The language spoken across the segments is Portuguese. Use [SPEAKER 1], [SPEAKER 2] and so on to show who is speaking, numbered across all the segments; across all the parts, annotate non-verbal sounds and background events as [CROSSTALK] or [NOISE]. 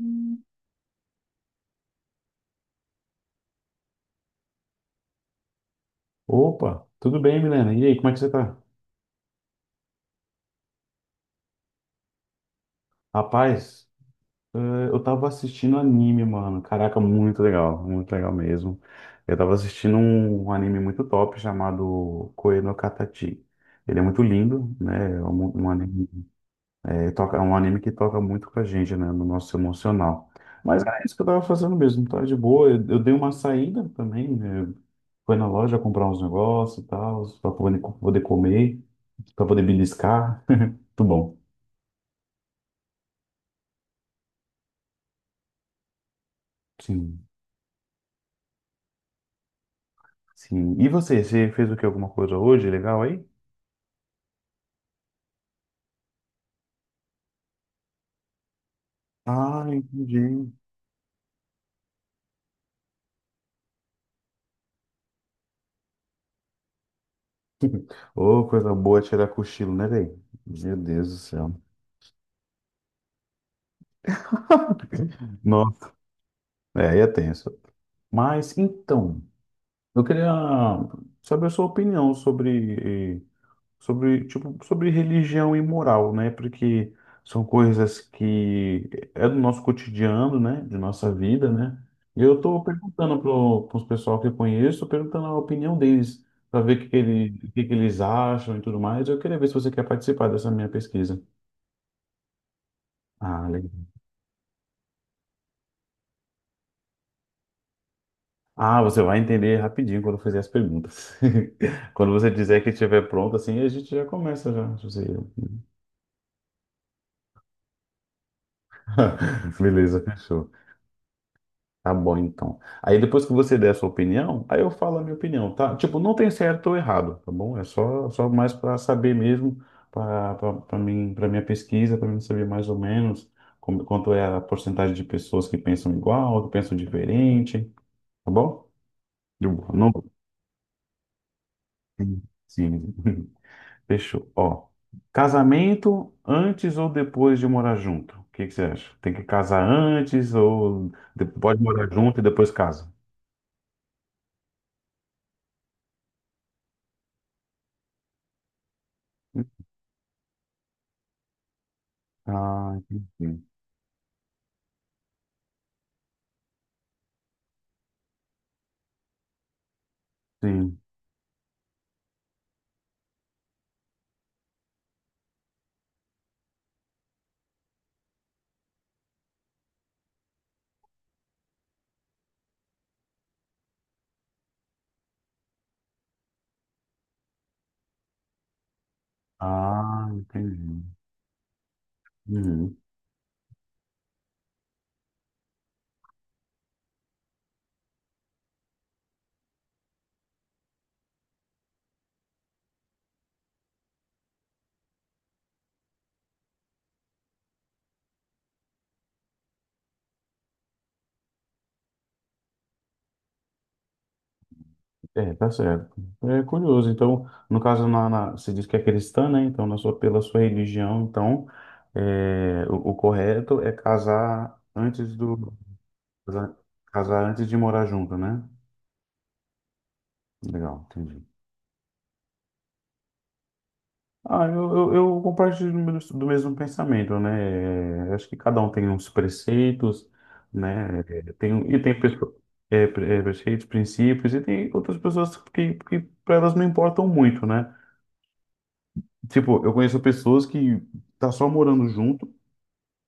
[SPEAKER 1] Hum. Opa, tudo bem, Milena? E aí, como é que você tá? Rapaz, eh, eu tava assistindo anime, mano. Caraca, muito legal mesmo. Eu tava assistindo um anime muito top chamado Koe no Katachi. Ele é muito lindo, né? É um anime, toca, é um anime que toca muito com a gente, né? No nosso emocional. Mas era isso que eu tava fazendo mesmo, tá de boa. Eu dei uma saída também, né? Foi na loja comprar uns negócios e tal, pra poder, poder comer, pra poder beliscar. [LAUGHS] Muito bom. Sim, sim. E você, você fez o que? Alguma coisa hoje legal aí? Ah, entendi. [LAUGHS] Ô, coisa boa tirar cochilo, né, velho? Meu Deus do céu. Nossa, é, aí é tenso. Mas, então, eu queria saber a sua opinião sobre sobre, tipo, sobre religião e moral, né? Porque são coisas que é do nosso cotidiano, né? De nossa vida, né? E eu estou perguntando para os pessoal que eu conheço, perguntando a opinião deles, para ver o que, que, o que que eles acham e tudo mais. Eu queria ver se você quer participar dessa minha pesquisa. Ah, legal. Ah, você vai entender rapidinho quando eu fizer as perguntas. [LAUGHS] Quando você dizer que estiver pronto, assim, a gente já começa já. José. [LAUGHS] Beleza, fechou. Tá bom, então. Aí depois que você der a sua opinião, aí eu falo a minha opinião, tá? Tipo, não tem certo ou errado, tá bom? É só, só mais para saber mesmo, para mim, para minha pesquisa, para mim saber mais ou menos como, quanto é a porcentagem de pessoas que pensam igual, que pensam diferente, tá bom? De boa. Não. Sim, sim. [LAUGHS] Fechou. Ó, casamento antes ou depois de morar junto? O que que você acha? Tem que casar antes ou pode morar junto e depois casa? Ah, entendi. Sim. Ah, entendi. Uhum. É, tá certo. É curioso. Então, no caso, você diz que é cristã, né? Então, na sua, pela sua religião, então, é, o correto é casar antes do, casar, casar antes de morar junto, né? Legal, entendi. Ah, eu compartilho do do mesmo pensamento, né? Acho que cada um tem uns preceitos, né? Tem, e tem pessoas, é, preceitos, princípios, e tem outras pessoas que para elas não importam muito, né? Tipo, eu conheço pessoas que tá só morando junto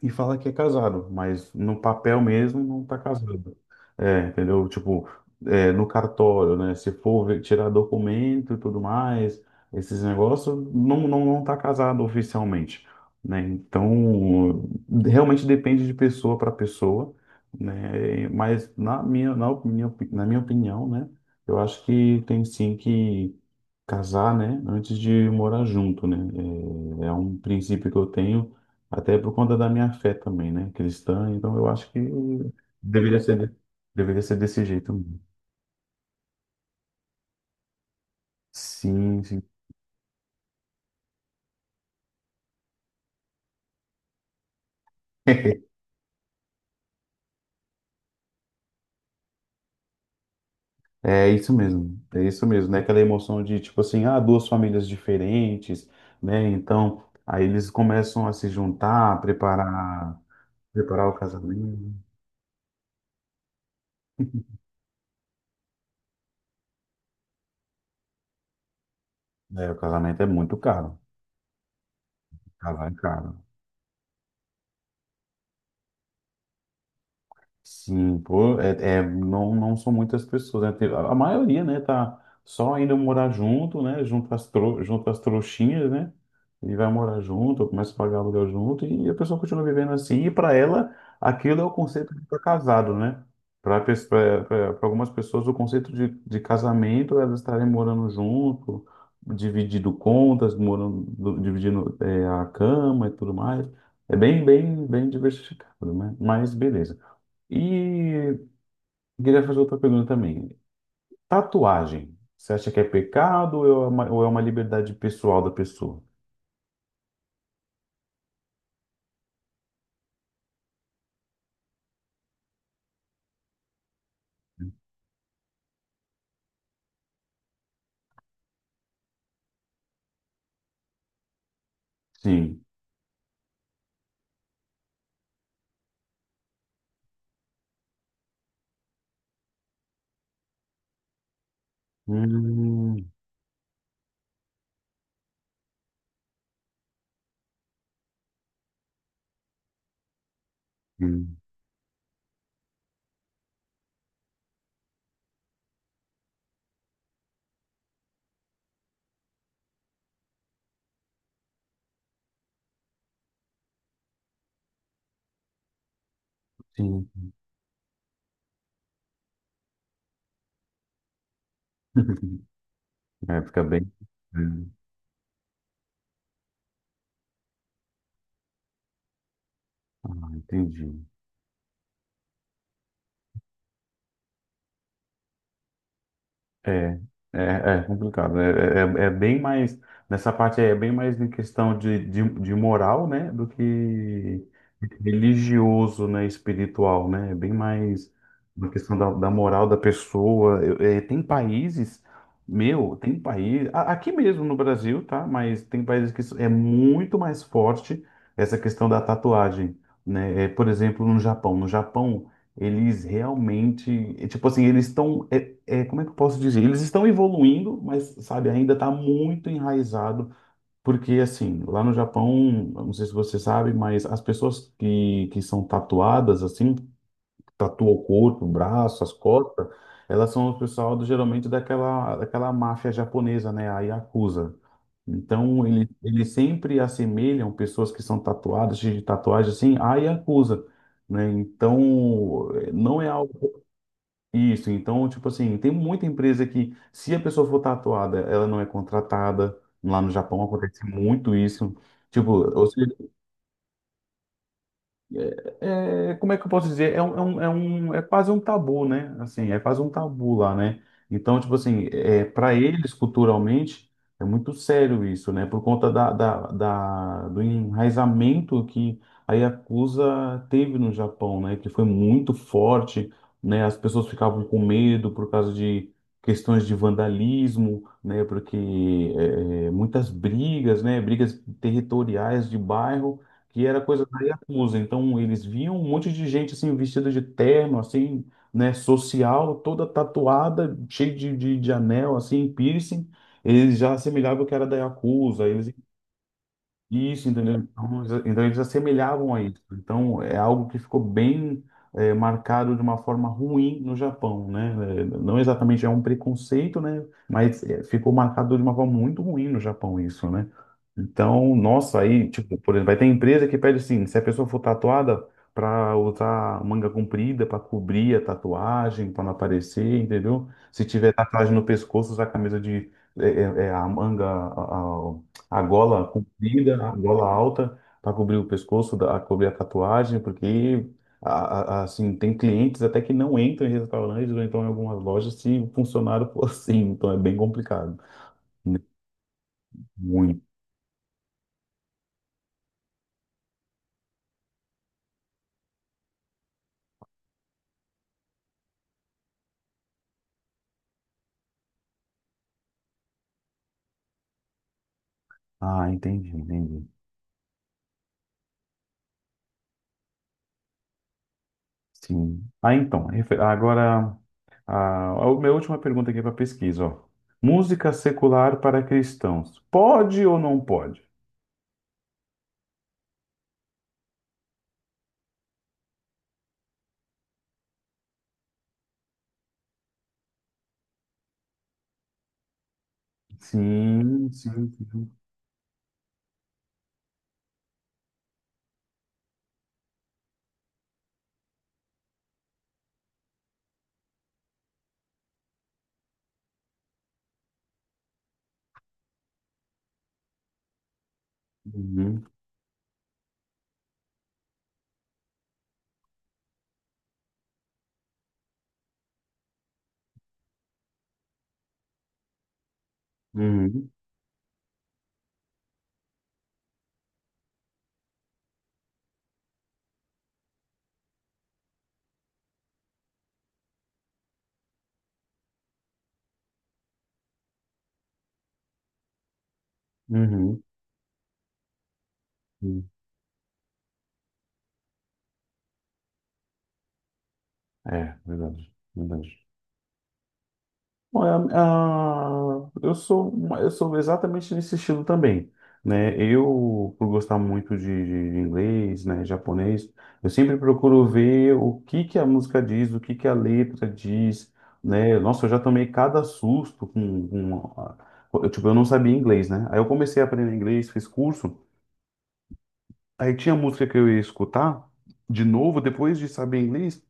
[SPEAKER 1] e fala que é casado, mas no papel mesmo não tá casado. É, entendeu? Tipo, é, no cartório, né? Se for tirar documento e tudo mais, esses negócios, não, não, não tá casado oficialmente, né? Então, realmente depende de pessoa para pessoa, né? Mas na minha opinião, né? Eu acho que tem sim que casar, né? Antes de morar junto, né? É, é um princípio que eu tenho até por conta da minha fé também, né? Cristã, então eu acho que deveria ser, deveria ser desse jeito mesmo. Sim, sim. [LAUGHS] É isso mesmo, né? Aquela emoção de tipo assim, ah, duas famílias diferentes, né? Então, aí eles começam a se juntar, preparar, preparar o casamento. É, o casamento é muito caro, tá lá é caro. Sim, pô, não, não são muitas pessoas, né? A maioria, né, tá só indo morar junto, né? Junto às trouxinhas, né? E vai morar junto, começa a pagar aluguel junto, e a pessoa continua vivendo assim, e para ela, aquilo é o conceito de estar casado, né? Para algumas pessoas, o conceito de casamento é elas estarem morando junto, dividindo contas, morando, dividindo, é, a cama e tudo mais. É bem, bem, bem diversificado, né? Mas beleza. E queria fazer outra pergunta também. Tatuagem, você acha que é pecado ou é uma liberdade pessoal da pessoa? Sim. Hum, hum, sim. [LAUGHS] É, fica bem. Hum. Ah, entendi. É, é, é complicado. É, é, é é bem mais. Nessa parte aí é bem mais em questão de moral, né? Do que religioso, né? Espiritual, né? É bem mais uma questão da, da moral da pessoa. É, tem países, meu, tem país. Aqui mesmo no Brasil, tá? Mas tem países que isso é muito mais forte essa questão da tatuagem, né? É, por exemplo, no Japão. No Japão. Eles realmente, é, tipo assim, eles estão. É, é, como é que eu posso dizer? Eles estão evoluindo, mas, sabe, ainda está muito enraizado, porque, assim, lá no Japão, eu não sei se você sabe, mas as pessoas que são tatuadas, assim, tatuam o corpo, o braço, as costas, elas são o pessoal do, geralmente daquela, daquela máfia japonesa, né, a Yakuza. Então, eles sempre assemelham pessoas que são tatuadas, cheias de tatuagem, assim, à Yakuza, né? Então, não é algo isso, então, tipo assim, tem muita empresa que, se a pessoa for tatuada, ela não é contratada. Lá no Japão acontece muito isso. Tipo, ou é, é, como é que eu posso dizer? Um- é quase um tabu, né? Assim, é quase um tabu lá, né? Então, tipo assim, é, para eles, culturalmente, é muito sério isso, né? Por conta da- do enraizamento que a Yakuza teve no Japão, né? Que foi muito forte, né? As pessoas ficavam com medo por causa de questões de vandalismo, né? Porque é, é, muitas brigas, né? Brigas territoriais de bairro que era coisa da Yakuza. Então, eles viam um monte de gente, assim, vestida de terno, assim, né, social, toda tatuada, cheia de anel, assim, piercing. Eles já assemelhavam que era da Yakuza. Eles isso, entendeu? Então, então eles assemelhavam a isso. Então é algo que ficou bem marcado de uma forma ruim no Japão, né? Não exatamente é um preconceito, né? Mas ficou marcado de uma forma muito ruim no Japão isso, né? Então, nossa, aí, tipo, por exemplo, vai ter empresa que pede assim, se a pessoa for tatuada, para usar manga comprida, para cobrir a tatuagem, para não aparecer, entendeu? Se tiver tatuagem no pescoço, usar camisa de a manga, a gola comprida, a gola alta, para cobrir o pescoço, cobrir a tatuagem, porque assim tem clientes até que não entram em restaurantes ou então em algumas lojas se o funcionário for assim, então é bem complicado. Muito. Ah, entendi, entendi. Sim. Ah, então, agora a minha última pergunta aqui para pesquisa, ó. Música secular para cristãos. Pode ou não pode? Sim, sim, sim. Uhum, uhum, uhum. É, verdade, verdade. Bom, eu sou, eu sou exatamente nesse estilo também, né? Eu, por gostar muito de, de inglês, né, japonês, eu sempre procuro ver o que que a música diz, o que que a letra diz, né? Nossa, eu já tomei cada susto com, tipo, eu não sabia inglês, né? Aí eu comecei a aprender inglês, fiz curso, aí tinha música que eu ia escutar de novo depois de saber inglês.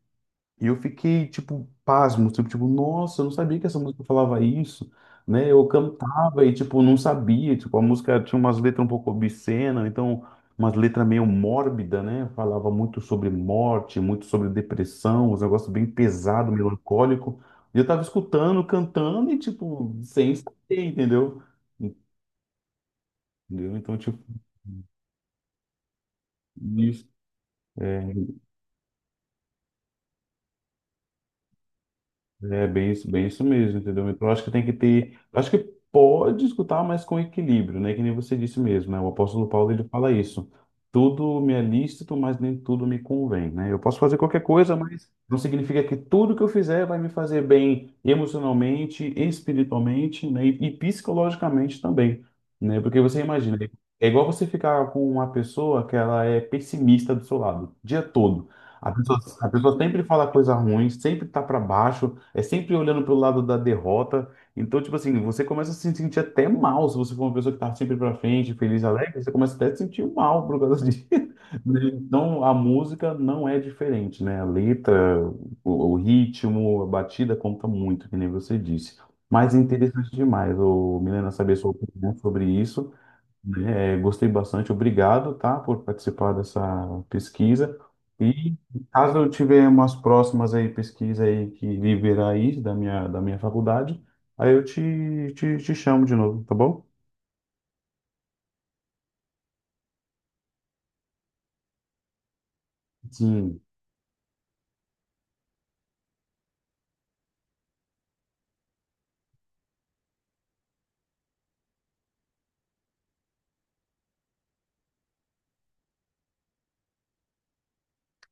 [SPEAKER 1] E eu fiquei, tipo, pasmo, tipo, tipo, nossa, eu não sabia que essa música falava isso, né? Eu cantava e, tipo, não sabia, tipo, a música tinha umas letras um pouco obscenas, então, umas letras meio mórbida, né? Falava muito sobre morte, muito sobre depressão, uns negócios bem pesado, melancólico. E eu tava escutando, cantando e, tipo, sem saber, entendeu? Entendeu? Então, tipo, isso. É. É bem isso mesmo, entendeu? Então, eu acho que tem que ter. Eu acho que pode escutar, mas com equilíbrio, né? Que nem você disse mesmo, né? O apóstolo Paulo ele fala isso. Tudo me é lícito, mas nem tudo me convém, né? Eu posso fazer qualquer coisa, mas não significa que tudo que eu fizer vai me fazer bem emocionalmente, espiritualmente, né? E psicologicamente também, né? Porque você imagina, é igual você ficar com uma pessoa que ela é pessimista do seu lado, o dia todo. A pessoa sempre fala coisa ruim, sempre tá para baixo é sempre olhando pro lado da derrota. Então, tipo assim, você começa a se sentir até mal se você for uma pessoa que tá sempre pra frente, feliz, alegre, você começa até a se sentir mal por causa disso. [LAUGHS] Né? Então, a música não é diferente, né? A letra, o ritmo, a batida conta muito, que nem você disse. Mas é interessante demais, ô, Milena, saber sua opinião sobre isso. É, gostei bastante, obrigado, tá, por participar dessa pesquisa. E caso eu tiver umas próximas aí pesquisa aí que liberar aí da minha faculdade, aí eu te chamo de novo, tá bom? Sim.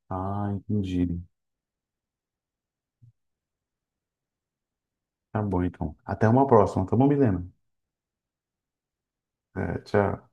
[SPEAKER 1] Ah, entendi. Tá bom, então. Até uma próxima, tá bom, Milena? É, tchau.